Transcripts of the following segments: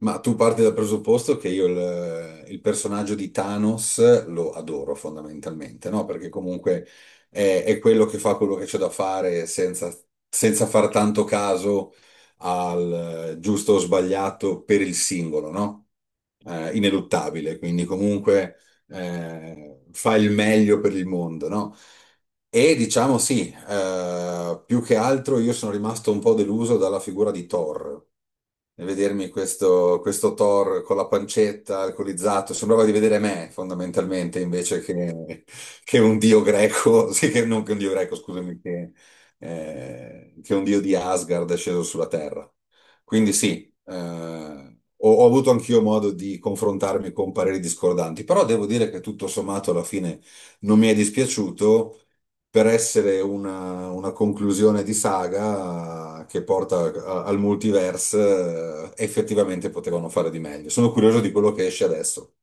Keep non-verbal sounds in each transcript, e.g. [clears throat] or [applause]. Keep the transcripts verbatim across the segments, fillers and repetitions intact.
Ma tu parti dal presupposto che io il, il personaggio di Thanos lo adoro fondamentalmente, no? Perché comunque è, è quello che fa quello che c'è da fare senza, senza far tanto caso al eh, giusto o sbagliato per il singolo, no? Eh, ineluttabile, quindi comunque eh, fa il meglio per il mondo, no? E diciamo sì, eh, più che altro io sono rimasto un po' deluso dalla figura di Thor, e vedermi questo, questo, Thor con la pancetta, alcolizzato, sembrava di vedere me fondamentalmente, invece che, che un dio greco, [laughs] sì, che non che un dio greco, scusami, che, eh, che un dio di Asgard è sceso sulla Terra. Quindi sì, eh, ho, ho avuto anch'io modo di confrontarmi con pareri discordanti, però devo dire che tutto sommato alla fine non mi è dispiaciuto per essere una, una conclusione di saga che porta a- al multiverse, eh, effettivamente potevano fare di meglio. Sono curioso di quello che esce adesso.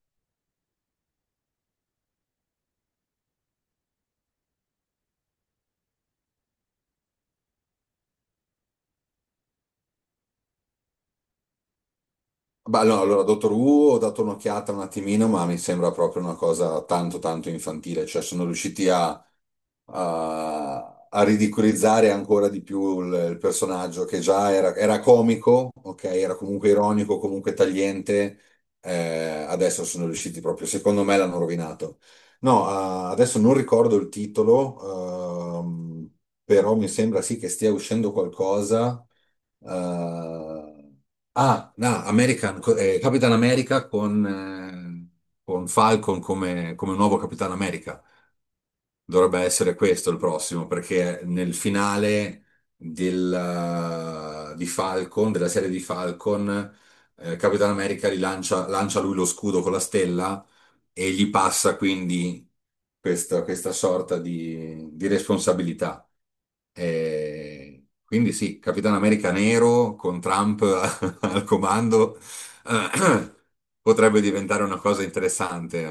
Beh, no, allora, Dottor Who ho dato un'occhiata un attimino, ma mi sembra proprio una cosa tanto tanto infantile, cioè sono riusciti a a, a ridicolizzare ancora di più il, il personaggio che già era, era comico, ok? Era comunque ironico, comunque tagliente. eh, adesso sono riusciti proprio, secondo me l'hanno rovinato. No, ah, adesso non ricordo il titolo, ehm, però mi sembra sì che stia uscendo qualcosa. eh, ah, no, American, co- eh, Capitan America con, eh, con Falcon come, come nuovo Capitan America. Dovrebbe essere questo il prossimo, perché nel finale del, eh, di Falcon, della serie di Falcon, eh, Capitan America rilancia, lancia lancia lui lo scudo con la stella e gli passa quindi questa, questa sorta di, di responsabilità. E quindi sì, Capitan America nero con Trump [laughs] al comando, [clears throat] eh, potrebbe diventare una cosa interessante, eh,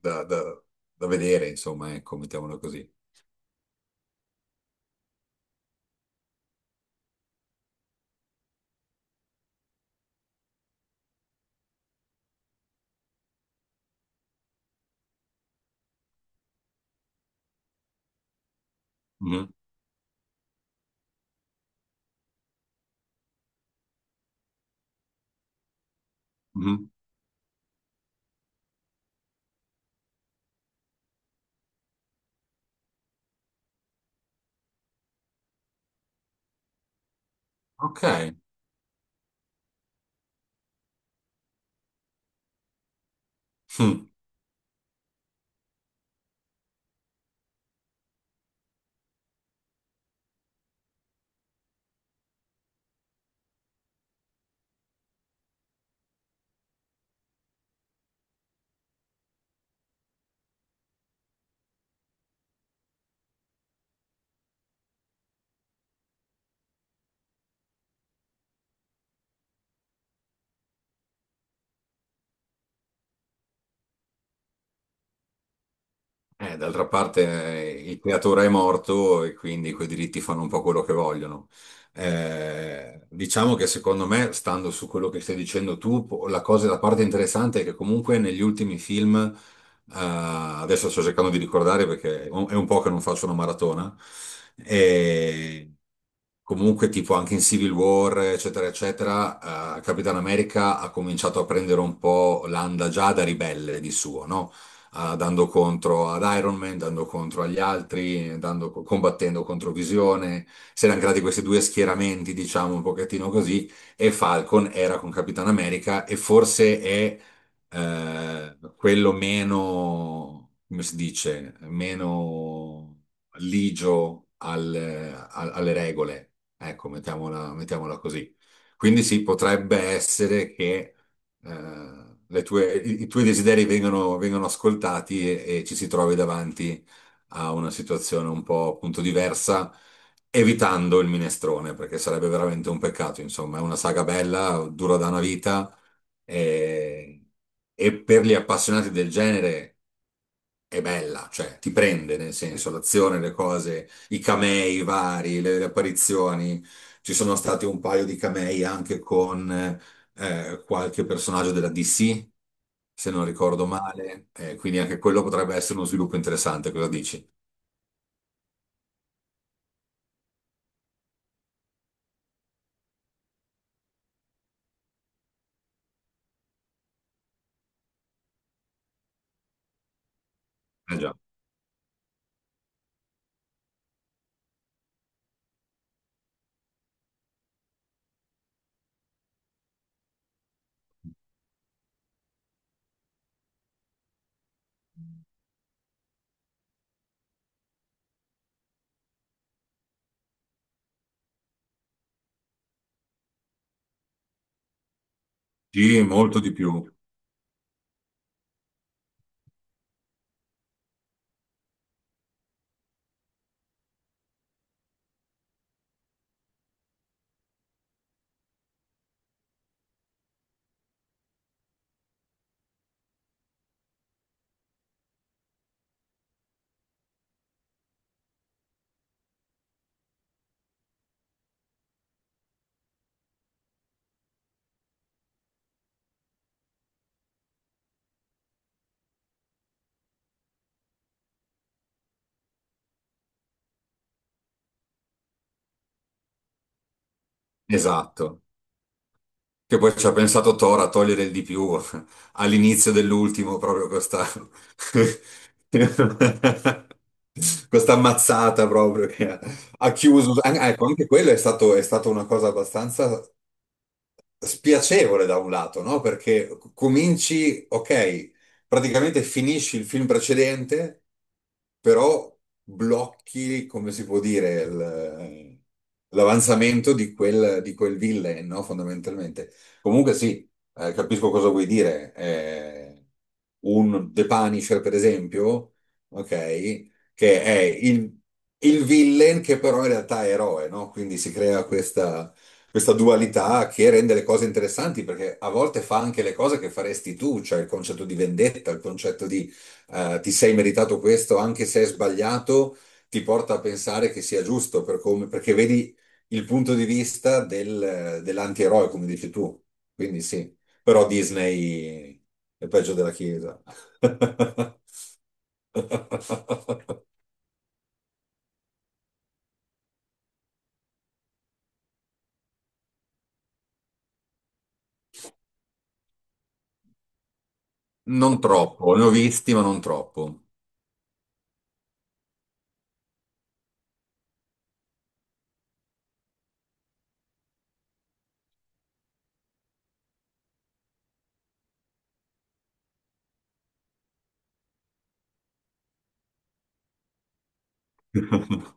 da, da da vedere, insomma, ecco, mettiamola così. Mm. Mhm. Ok. Mm. Eh, d'altra parte eh, il creatore è morto e quindi quei diritti fanno un po' quello che vogliono. Eh, diciamo che secondo me, stando su quello che stai dicendo tu, po- la cosa, la parte interessante è che comunque negli ultimi film, eh, adesso sto cercando di ricordare perché è un è un po' che non faccio una maratona, e comunque tipo anche in Civil War, eccetera, eccetera, eh, Capitan America ha cominciato a prendere un po' l'anda già da ribelle di suo, no? ah, dando contro ad Iron Man, dando contro agli altri, dando- combattendo contro Visione. Si erano creati questi due schieramenti, diciamo un pochettino così, e Falcon era con Capitan America e forse è eh, quello meno, come si dice, meno ligio al- al- alle regole. Ecco, mettiamola, mettiamola così. Quindi sì, potrebbe essere che eh, le tue- i, i tuoi desideri vengono, vengono ascoltati e, e ci si trovi davanti a una situazione un po' appunto diversa, evitando il minestrone, perché sarebbe veramente un peccato, insomma, è una saga bella, dura da una vita e, e per gli appassionati del genere è bella, cioè ti prende nel senso l'azione, le cose, i camei vari, le, le apparizioni. Ci sono stati un paio di camei anche con eh, qualche personaggio della D C, se non ricordo male, eh, quindi anche quello potrebbe essere uno sviluppo interessante, cosa dici? Eh già. Sì, molto di più. Esatto. Che poi ci ha pensato Thor a togliere il di più [laughs] all'inizio dell'ultimo, proprio questa, [laughs] questa ammazzata proprio che ha ha chiuso. An- Ecco, anche quello è stato, è stata una cosa abbastanza spiacevole da un lato, no? Perché c- cominci, ok, praticamente finisci il film precedente, però blocchi, come si può dire, il- l'avanzamento di quel, di quel villain, no? Fondamentalmente. Comunque sì, eh, capisco cosa vuoi dire. Eh, un The Punisher, per esempio, ok, che è il, il villain che però in realtà è eroe, no? Quindi si crea questa dualità che rende le cose interessanti perché a volte fa anche le cose che faresti tu, cioè il concetto di vendetta, il concetto di eh, ti sei meritato questo anche se è sbagliato, ti porta a pensare che sia giusto per come- perché vedi il punto di vista del- dell'antieroe, come dici tu. Quindi sì, però Disney è peggio della Chiesa. [laughs] Non troppo, ne ho visti, ma non troppo. [laughs]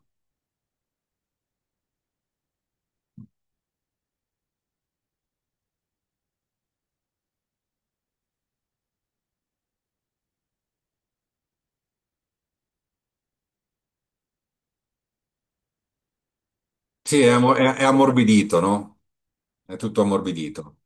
Sì, è, ammo- è- è ammorbidito, no? È tutto ammorbidito.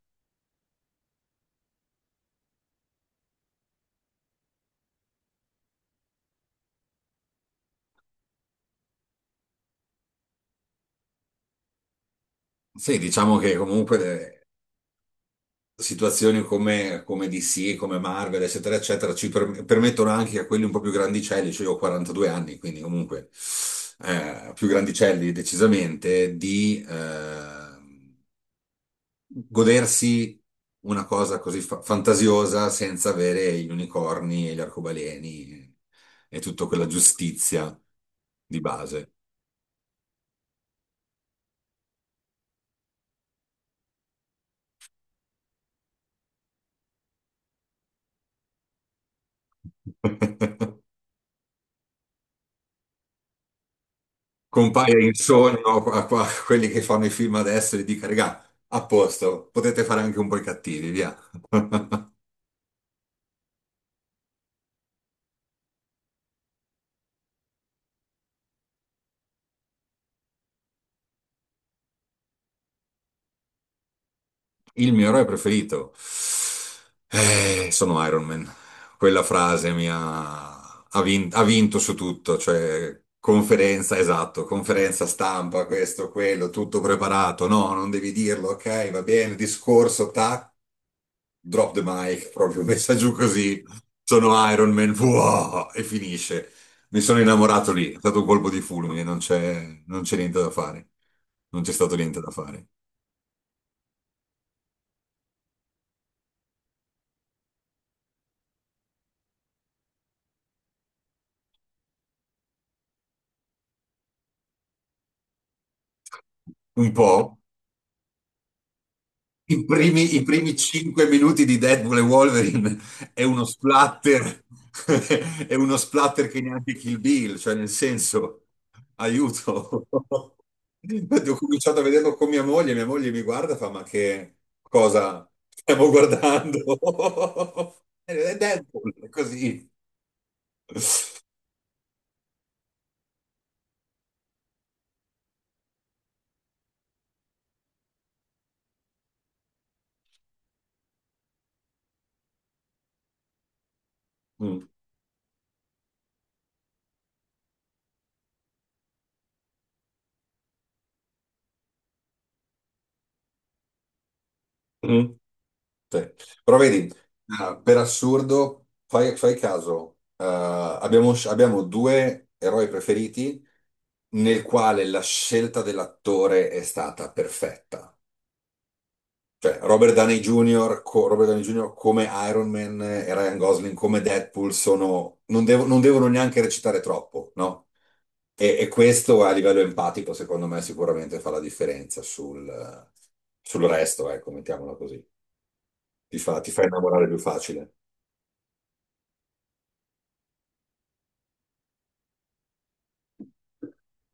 Sì, diciamo che comunque le situazioni come, come D C, come Marvel, eccetera, eccetera, ci per- permettono anche a quelli un po' più grandicelli, cioè io ho quarantadue anni, quindi comunque eh, più grandicelli decisamente, di eh, godersi una cosa così fa- fantasiosa senza avere gli unicorni e gli arcobaleni e tutta quella giustizia di base. [laughs] Compaia in sogno a, a- a quelli che fanno i film adesso e gli dica, regà, a posto, potete fare anche un po' i cattivi, via. Il mio eroe preferito. Eh, sono Iron Man. Quella frase mi ha, ha vin- ha vinto su tutto, cioè conferenza, esatto, conferenza stampa, questo, quello, tutto preparato. No, non devi dirlo, ok, va bene, discorso, tac. Drop the mic, proprio messa giù così. Sono Iron Man, wow, e finisce. Mi sono innamorato lì, è stato un colpo di fulmine, non c'è non c'è niente da fare. Non c'è stato niente da fare. Un po', I primi, i primi cinque minuti di Deadpool e Wolverine è uno splatter, [laughs] è uno splatter che neanche Kill Bill, cioè nel senso, aiuto. [laughs] Ho cominciato a vederlo con mia moglie, mia moglie mi guarda e fa, ma che cosa stiamo guardando? [laughs] È Deadpool, è così. Mm. Mm. Sì. Però vedi, eh, per assurdo, fai, fai caso, eh, abbiamo, sc- abbiamo due eroi preferiti nel quale la scelta dell'attore è stata perfetta. Cioè, Robert Downey junior, co- Robert Downey junior come Iron Man eh, e Ryan Gosling come Deadpool sono, non, devo- non devono neanche recitare troppo, no? E, e questo a livello empatico, secondo me, sicuramente fa la differenza sul, sul resto, ecco, mettiamola così. Ti fa, ti fa innamorare più facile.